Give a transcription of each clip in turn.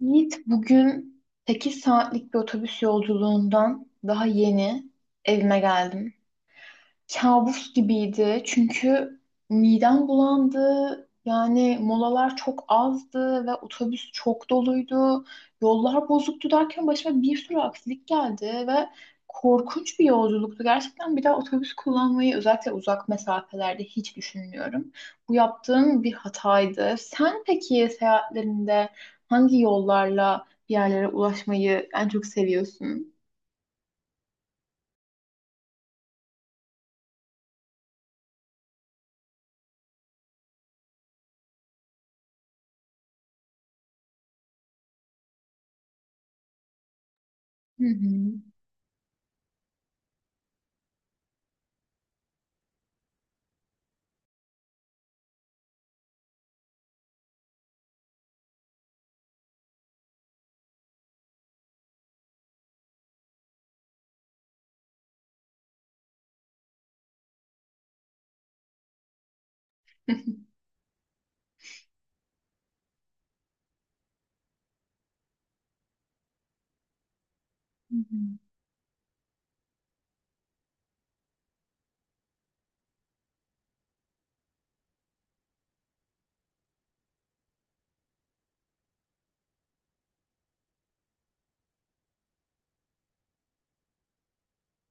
Yiğit, bugün 8 saatlik bir otobüs yolculuğundan daha yeni evime geldim. Kabus gibiydi çünkü midem bulandı. Yani molalar çok azdı ve otobüs çok doluydu. Yollar bozuktu derken başıma bir sürü aksilik geldi ve korkunç bir yolculuktu. Gerçekten bir daha otobüs kullanmayı, özellikle uzak mesafelerde, hiç düşünmüyorum. Bu yaptığım bir hataydı. Sen peki seyahatlerinde hangi yollarla bir yerlere ulaşmayı en çok seviyorsun? Hı hı.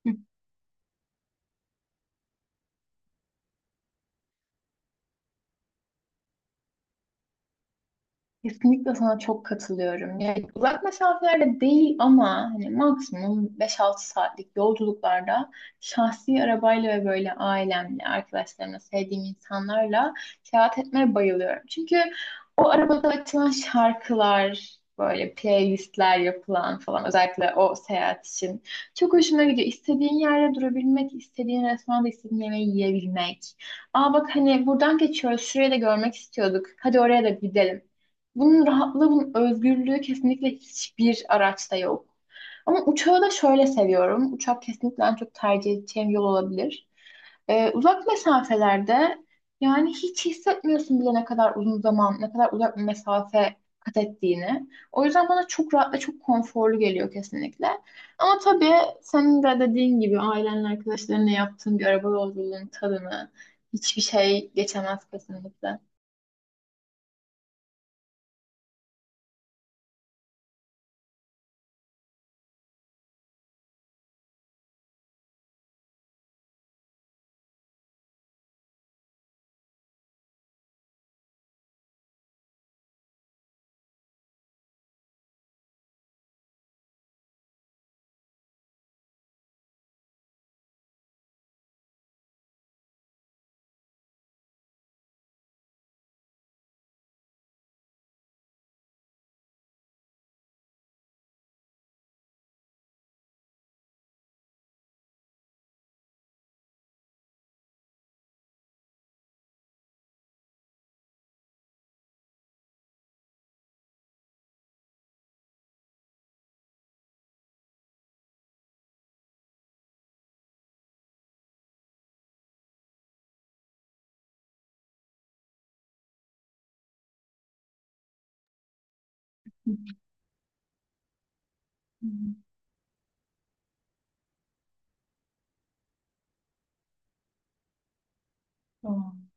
Kesinlikle sana çok katılıyorum. Yani uzak mesafelerde değil ama hani maksimum beş altı saatlik yolculuklarda şahsi arabayla ve böyle ailemle, arkadaşlarımla, sevdiğim insanlarla seyahat etmeye bayılıyorum. Çünkü o arabada açılan şarkılar, böyle playlistler yapılan falan, özellikle o seyahat için çok hoşuma gidiyor. İstediğin yerde durabilmek, istediğin restoranda istediğin yemeği yiyebilmek. Aa, bak hani buradan geçiyoruz, şurayı da görmek istiyorduk, hadi oraya da gidelim. Bunun rahatlığı, bunun özgürlüğü kesinlikle hiçbir araçta yok. Ama uçağı da şöyle seviyorum. Uçak kesinlikle en çok tercih edeceğim yol olabilir. Uzak mesafelerde yani hiç hissetmiyorsun bile ne kadar uzun zaman, ne kadar uzak bir mesafe kat ettiğini. O yüzden bana çok rahat ve çok konforlu geliyor kesinlikle. Ama tabii, senin de dediğin gibi, ailenle, arkadaşlarınla yaptığın bir araba yolculuğunun tadını hiçbir şey geçemez kesinlikle. Hı hı. Tamam.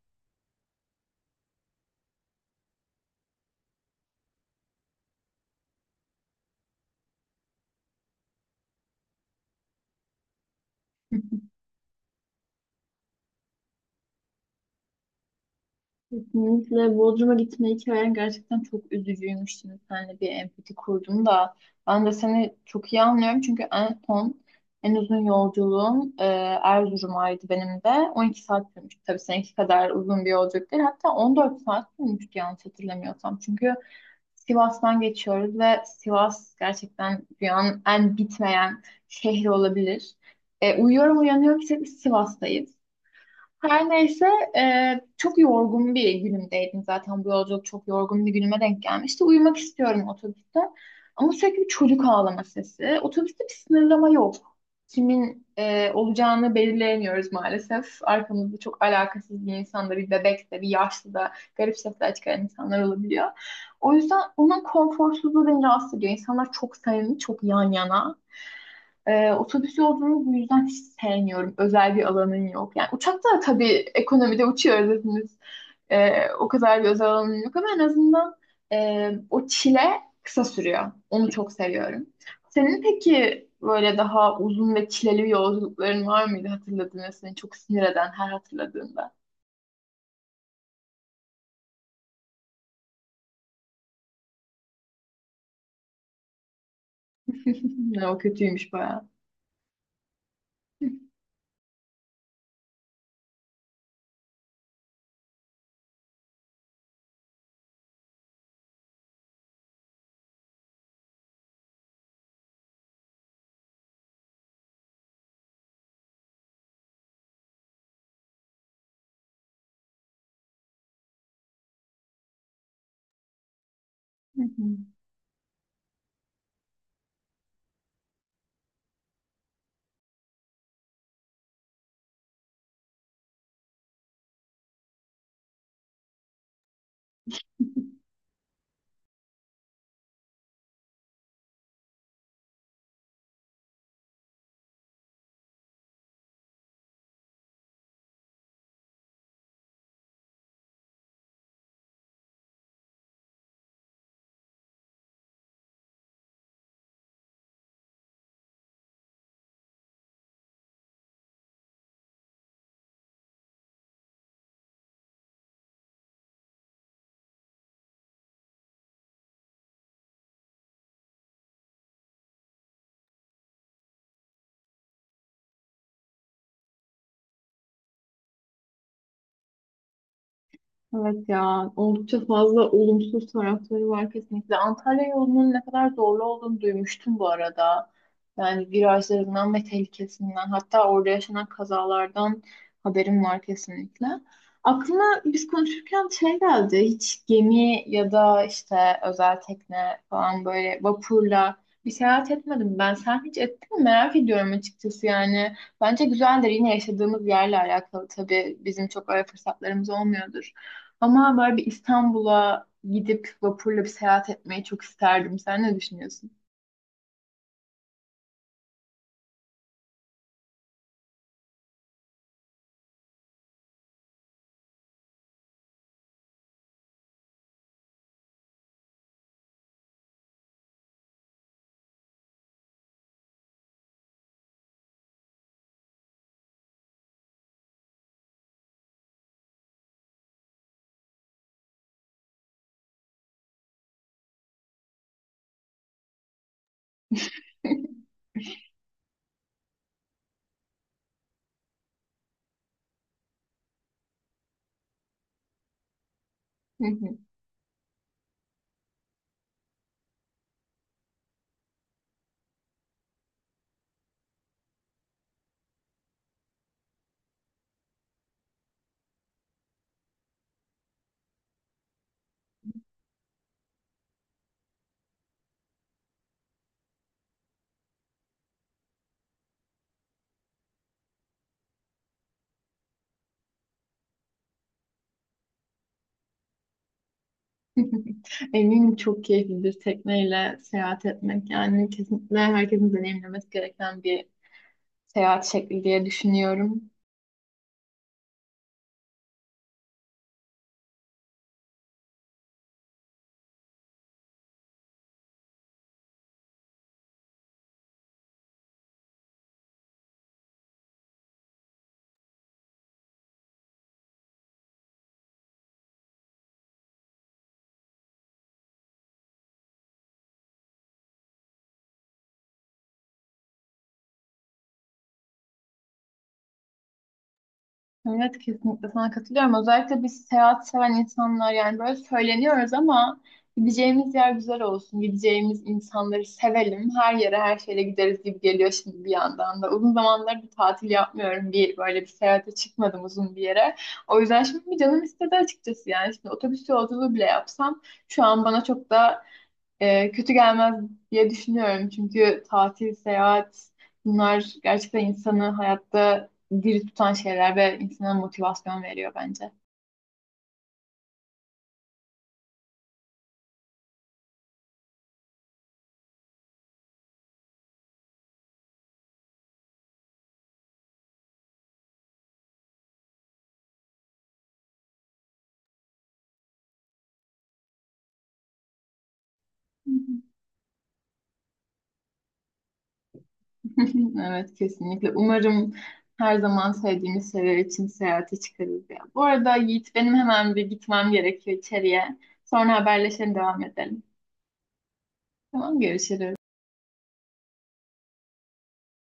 Kesinlikle Bodrum'a gitme hikayen gerçekten çok üzücüymüş. Şimdi seninle bir empati kurdum da. Ben de seni çok iyi anlıyorum. Çünkü en son en uzun yolculuğum Erzurum'aydı benim de. 12 saat sürmüştü. Tabii seninki kadar uzun bir yolculuk değil. Hatta 14 saat sürmüştü yanlış hatırlamıyorsam. Çünkü Sivas'tan geçiyoruz ve Sivas gerçekten dünyanın en bitmeyen şehri olabilir. Uyuyorum, uyanıyorum, sürekli Sivas'tayız. Her neyse, e, çok yorgun bir günümdeydim, zaten bu yolculuk çok yorgun bir günüme denk gelmişti. Uyumak istiyorum otobüste ama sürekli bir çocuk ağlama sesi. Otobüste bir sınırlama yok. Kimin olacağını belirleyemiyoruz maalesef. Arkamızda çok alakasız bir insan da, bir bebek de, bir yaşlı da, garip sesler çıkaran insanlar olabiliyor. O yüzden onun konforsuzluğu beni rahatsız ediyor. İnsanlar çok samimi, çok yan yana. Otobüs yolculuğunu bu yüzden hiç sevmiyorum. Özel bir alanın yok. Yani uçakta da tabii ekonomide uçuyoruz hepimiz. O kadar bir özel alanın yok ama en azından o çile kısa sürüyor. Onu çok seviyorum. Senin peki böyle daha uzun ve çileli yolculukların var mıydı hatırladığın ve seni çok sinir eden her hatırladığında? O kötüymüş bayağı. Evet ya, oldukça fazla olumsuz tarafları var kesinlikle. Antalya yolunun ne kadar zorlu olduğunu duymuştum bu arada. Yani virajlarından ve tehlikesinden, hatta orada yaşanan kazalardan haberim var kesinlikle. Aklıma biz konuşurken şey geldi, hiç gemi ya da işte özel tekne falan, böyle vapurla bir seyahat etmedim ben. Sen hiç ettin mi? Merak ediyorum açıkçası yani. Bence güzeldir, yine yaşadığımız yerle alakalı tabii bizim çok öyle fırsatlarımız olmuyordur. Ama böyle bir İstanbul'a gidip vapurla bir seyahat etmeyi çok isterdim. Sen ne düşünüyorsun? Eminim çok keyiflidir tekneyle seyahat etmek. Yani kesinlikle herkesin deneyimlemesi gereken bir seyahat şekli diye düşünüyorum. Evet, kesinlikle sana katılıyorum. Özellikle biz seyahat seven insanlar yani böyle söyleniyoruz ama gideceğimiz yer güzel olsun, gideceğimiz insanları sevelim, her yere her şeyle gideriz gibi geliyor şimdi bir yandan da. Uzun zamanlar bir tatil yapmıyorum. Bir, böyle bir seyahate çıkmadım uzun bir yere. O yüzden şimdi bir canım istedi açıkçası yani. Şimdi otobüs yolculuğu bile yapsam şu an bana çok da kötü gelmez diye düşünüyorum. Çünkü tatil, seyahat, bunlar gerçekten insanı hayatta diri tutan şeyler ve insana motivasyon veriyor bence. Evet, kesinlikle. Umarım her zaman sevdiğimiz şeyler için seyahate çıkarız ya. Bu arada Yiğit, benim hemen bir gitmem gerekiyor içeriye. Sonra haberleşelim, devam edelim. Tamam, görüşürüz.